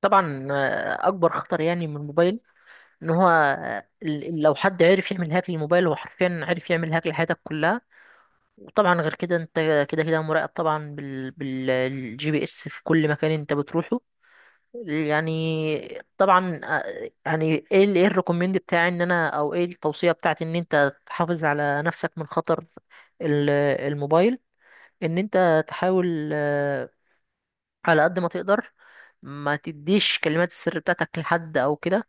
طبعا، اكبر خطر يعني من الموبايل. ان هو، لو حد عرف يعمل هاك للموبايل، هو حرفيا عرف يعمل هاك لحياتك كلها. وطبعا غير كده، انت كده كده مراقب طبعا بالجي بي اس في كل مكان انت بتروحه. يعني طبعا، ايه الريكومند بتاعي، ان انا، او ايه التوصية بتاعتي، ان انت تحافظ على نفسك من خطر ال- الموبايل. ان انت تحاول، على قد ما تقدر، ما تديش كلمات السر بتاعتك لحد او كده.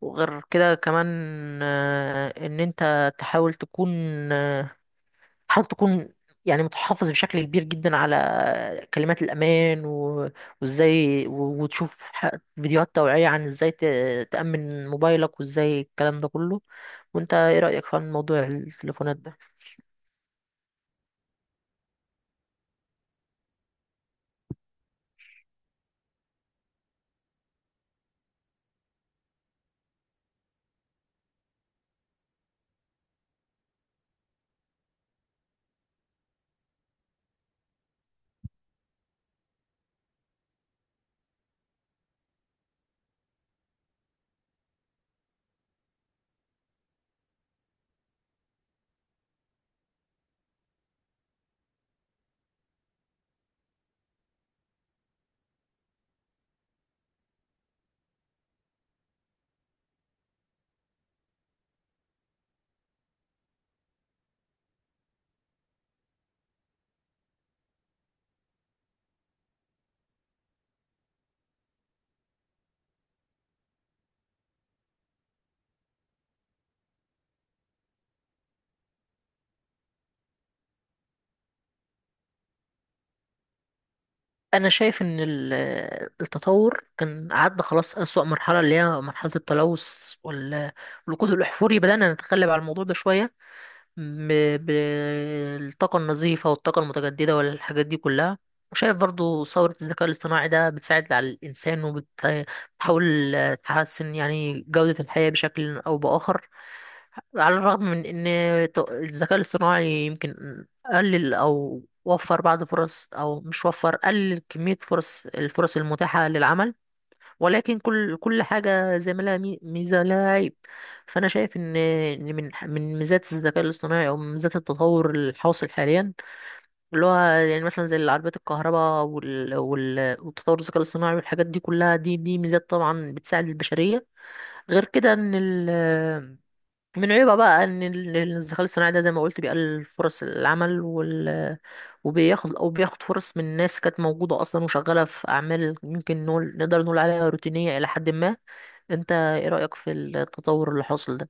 وغير كده كمان، ان انت تحاول تكون، آه، تحاول تكون يعني متحفظ بشكل كبير جدا على كلمات الامان، و- وازاي، وتشوف فيديوهات توعية عن ازاي تأمن موبايلك، وازاي الكلام ده كله. وانت ايه رأيك في موضوع التليفونات ده؟ انا شايف ان التطور كان عدى خلاص أسوأ مرحلة، اللي هي مرحلة التلوث والوقود الاحفوري. بدأنا نتغلب على الموضوع ده شوية بالطاقة النظيفة والطاقة المتجددة والحاجات دي كلها. وشايف برضو ثورة الذكاء الاصطناعي ده بتساعد على الإنسان، وبتحاول تحسن يعني جودة الحياة بشكل أو بآخر. على الرغم من إن الذكاء الاصطناعي يمكن قلل أو وفر بعض فرص، أو مش وفر، قلل كمية الفرص المتاحة للعمل. ولكن كل حاجة زي ما لها، ميزة لها عيب. فأنا شايف إن من ميزات الذكاء الاصطناعي، أو من ميزات التطور الحاصل حاليا، اللي هو يعني مثلا زي العربيات الكهرباء وال... وال... والتطور الذكاء الاصطناعي والحاجات دي كلها، دي ميزات طبعا بتساعد البشرية. غير كده إن من عيوبها بقى إن الذكاء الاصطناعي ده، زي ما قلت، بيقلل فرص العمل، وبياخد أو بياخد فرص من ناس كانت موجودة أصلا وشغالة في أعمال ممكن نقدر نقول عليها روتينية إلى حد ما. انت ايه رأيك في التطور اللي حاصل ده؟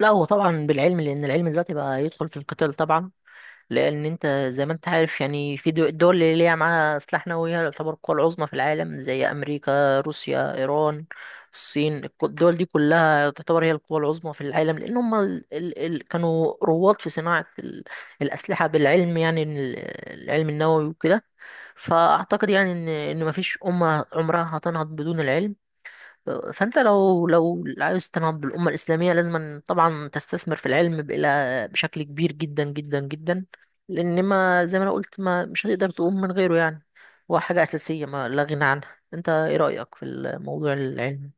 لا، هو طبعا بالعلم، لان العلم دلوقتي بقى يدخل في القتال طبعا. لان انت زي ما انت عارف يعني، في الدول اللي ليها معاها سلاح نووي، هي تعتبر القوى العظمى في العالم، زي امريكا، روسيا، ايران، الصين. الدول دي كلها تعتبر هي القوى العظمى في العالم، لان هم كانوا رواد في صناعة الأسلحة بالعلم. يعني إن العلم النووي وكده. فأعتقد يعني ان مفيش أمة عمرها هتنهض بدون العلم. فانت لو عايز تنهض بالامه الاسلاميه، لازم طبعا تستثمر في العلم بإلى بشكل كبير جدا جدا جدا. لان، ما زي ما انا قلت، ما مش هتقدر تقوم من غيره يعني. هو حاجه اساسيه ما لا غنى عنها. انت ايه رايك في الموضوع العلمي؟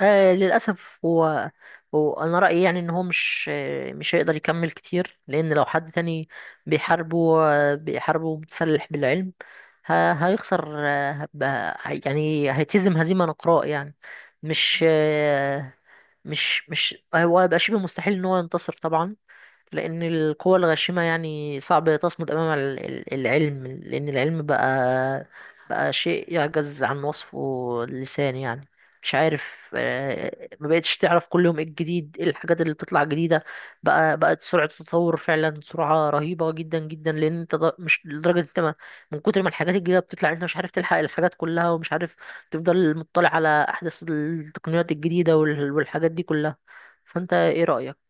آه، للأسف، هو أنا رأيي يعني إن هو مش، مش هيقدر يكمل كتير، لأن لو حد تاني بيحاربه، بيحاربه متسلح بالعلم، هيخسر. يعني هيتهزم هزيمة نقراء يعني. مش آه، مش مش هو هيبقى شبه مستحيل إن هو ينتصر طبعا. لأن القوى الغاشمة يعني صعب تصمد أمام العلم، لأن العلم بقى شيء يعجز عن وصفه اللسان يعني. مش عارف، ما بقتش تعرف كل يوم ايه الجديد، ايه الحاجات اللي بتطلع جديدة. بقت سرعة التطور فعلا سرعة رهيبة جدا جدا، لأن انت مش لدرجة انت ما، من كتر ما الحاجات الجديدة بتطلع انت مش عارف تلحق الحاجات كلها، ومش عارف تفضل مطلع على أحدث التقنيات الجديدة والحاجات دي كلها. فانت ايه رأيك؟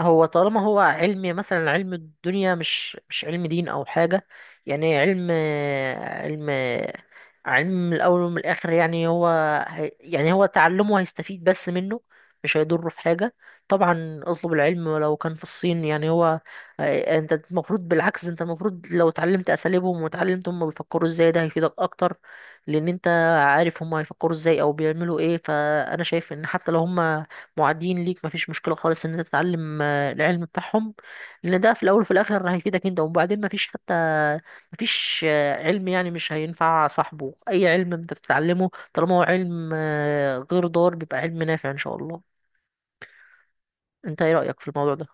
هو طالما هو علم، مثلا علم الدنيا، مش علم دين او حاجه يعني. علم علم الاول ومن الاخر يعني. هو يعني هو تعلمه هيستفيد بس منه، مش هيضره في حاجه. طبعا اطلب العلم ولو كان في الصين يعني. هو، انت المفروض بالعكس، انت المفروض لو اتعلمت اساليبهم واتعلمت هم بيفكروا ازاي، ده هيفيدك اكتر، لان انت عارف هم هيفكروا ازاي او بيعملوا ايه. فانا شايف ان حتى لو هم معادين ليك، مفيش مشكلة خالص ان انت تتعلم العلم بتاعهم، لان ده في الاول وفي الاخر هيفيدك انت. وبعدين مفيش علم يعني مش هينفع صاحبه. اي علم انت بتتعلمه طالما هو علم، غير ضار، بيبقى علم نافع ان شاء الله. انت ايه رأيك في الموضوع ده؟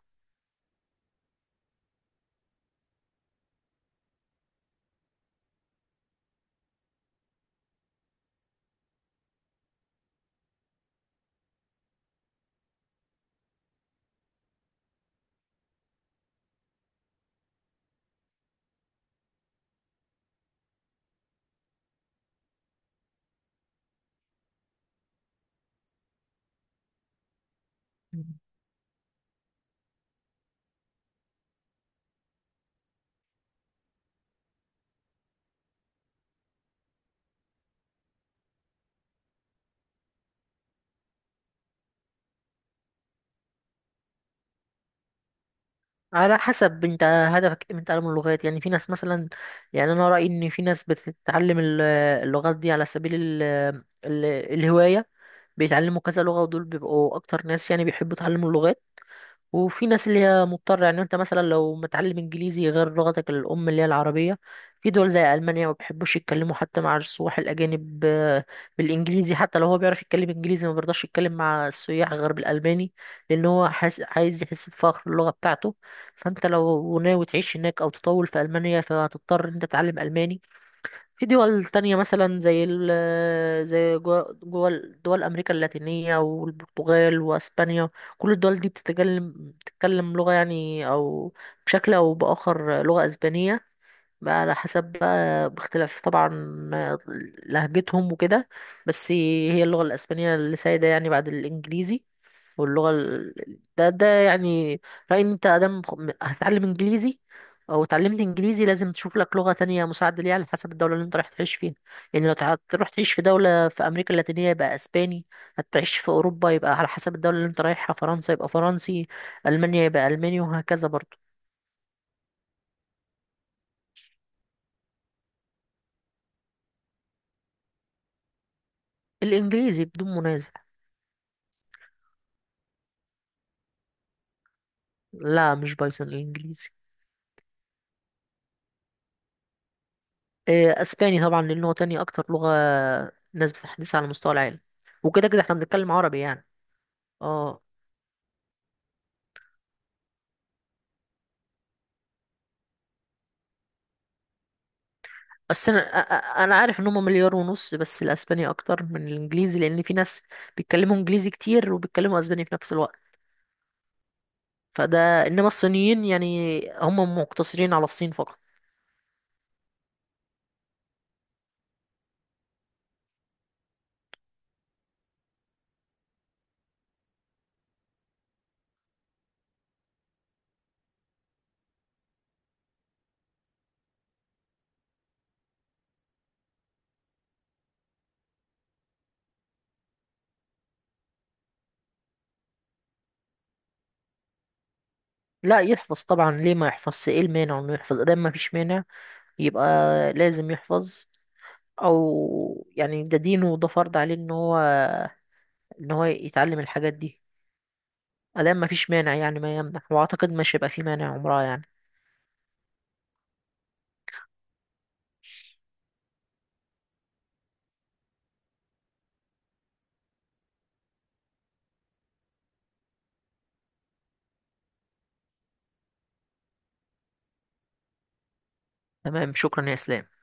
مم. على حسب انت هدفك ايه من تعلم اللغات. يعني في ناس مثلا، يعني انا رأيي ان في ناس بتتعلم اللغات دي على سبيل ال- الهواية، بيتعلموا كذا لغة، ودول بيبقوا اكتر ناس يعني بيحبوا يتعلموا اللغات. وفي ناس اللي هي مضطرة. يعني انت مثلا لو متعلم انجليزي غير لغتك الام اللي هي العربية، في دول زي المانيا ما بيحبوش يتكلموا حتى مع السواح الاجانب، بالانجليزي. حتى لو هو بيعرف يتكلم انجليزي، ما بيرضاش يتكلم مع السياح غير بالالماني، لان هو حاس، عايز يحس بفخر اللغة بتاعته. فانت لو ناوي تعيش هناك او تطول في المانيا، فهتضطر ان انت تتعلم الماني. في دول تانية مثلا، زي جوا دول أمريكا اللاتينية والبرتغال وأسبانيا، كل الدول دي بتتكلم لغة يعني، أو بشكل أو بآخر لغة أسبانية. بقى على حسب، بقى باختلاف طبعا لهجتهم وكده، بس هي اللغة الأسبانية اللي سايدة يعني بعد الإنجليزي. واللغة ده يعني رأيي إن أنت آدم هتتعلم إنجليزي، أو اتعلمت إنجليزي، لازم تشوف لك لغة تانية مساعدة ليها على حسب الدولة اللي أنت رايح تعيش فيها. يعني لو تروح تعيش في دولة في أمريكا اللاتينية، يبقى أسباني. هتعيش في أوروبا يبقى على حسب الدولة اللي أنت رايحها، فرنسا يبقى فرنسي، ألمانيا يبقى ألماني، وهكذا برضه. الإنجليزي بدون منازع. لا، مش بايثون، الإنجليزي. إيه، أسباني طبعا، لأنه هو تاني أكتر لغة ناس بتحدثها على مستوى العالم. وكده كده احنا بنتكلم عربي يعني. اه. بس انا، انا عارف ان هم 1.5 مليار، بس الاسباني اكتر من الانجليزي، لان في ناس بيتكلموا انجليزي كتير وبيتكلموا اسباني في نفس الوقت. فده، انما الصينيين يعني هم مقتصرين على الصين فقط. لا، يحفظ طبعا. ليه ما يحفظش؟ ايه المانع انه يحفظ ادام ما فيش مانع؟ يبقى لازم يحفظ، او يعني ده دينه وده فرض عليه ان هو يتعلم الحاجات دي، ادام ما فيش مانع يعني ما يمنع. واعتقد مش هيبقى في مانع عمرها يعني. تمام، شكرا يا اسلام.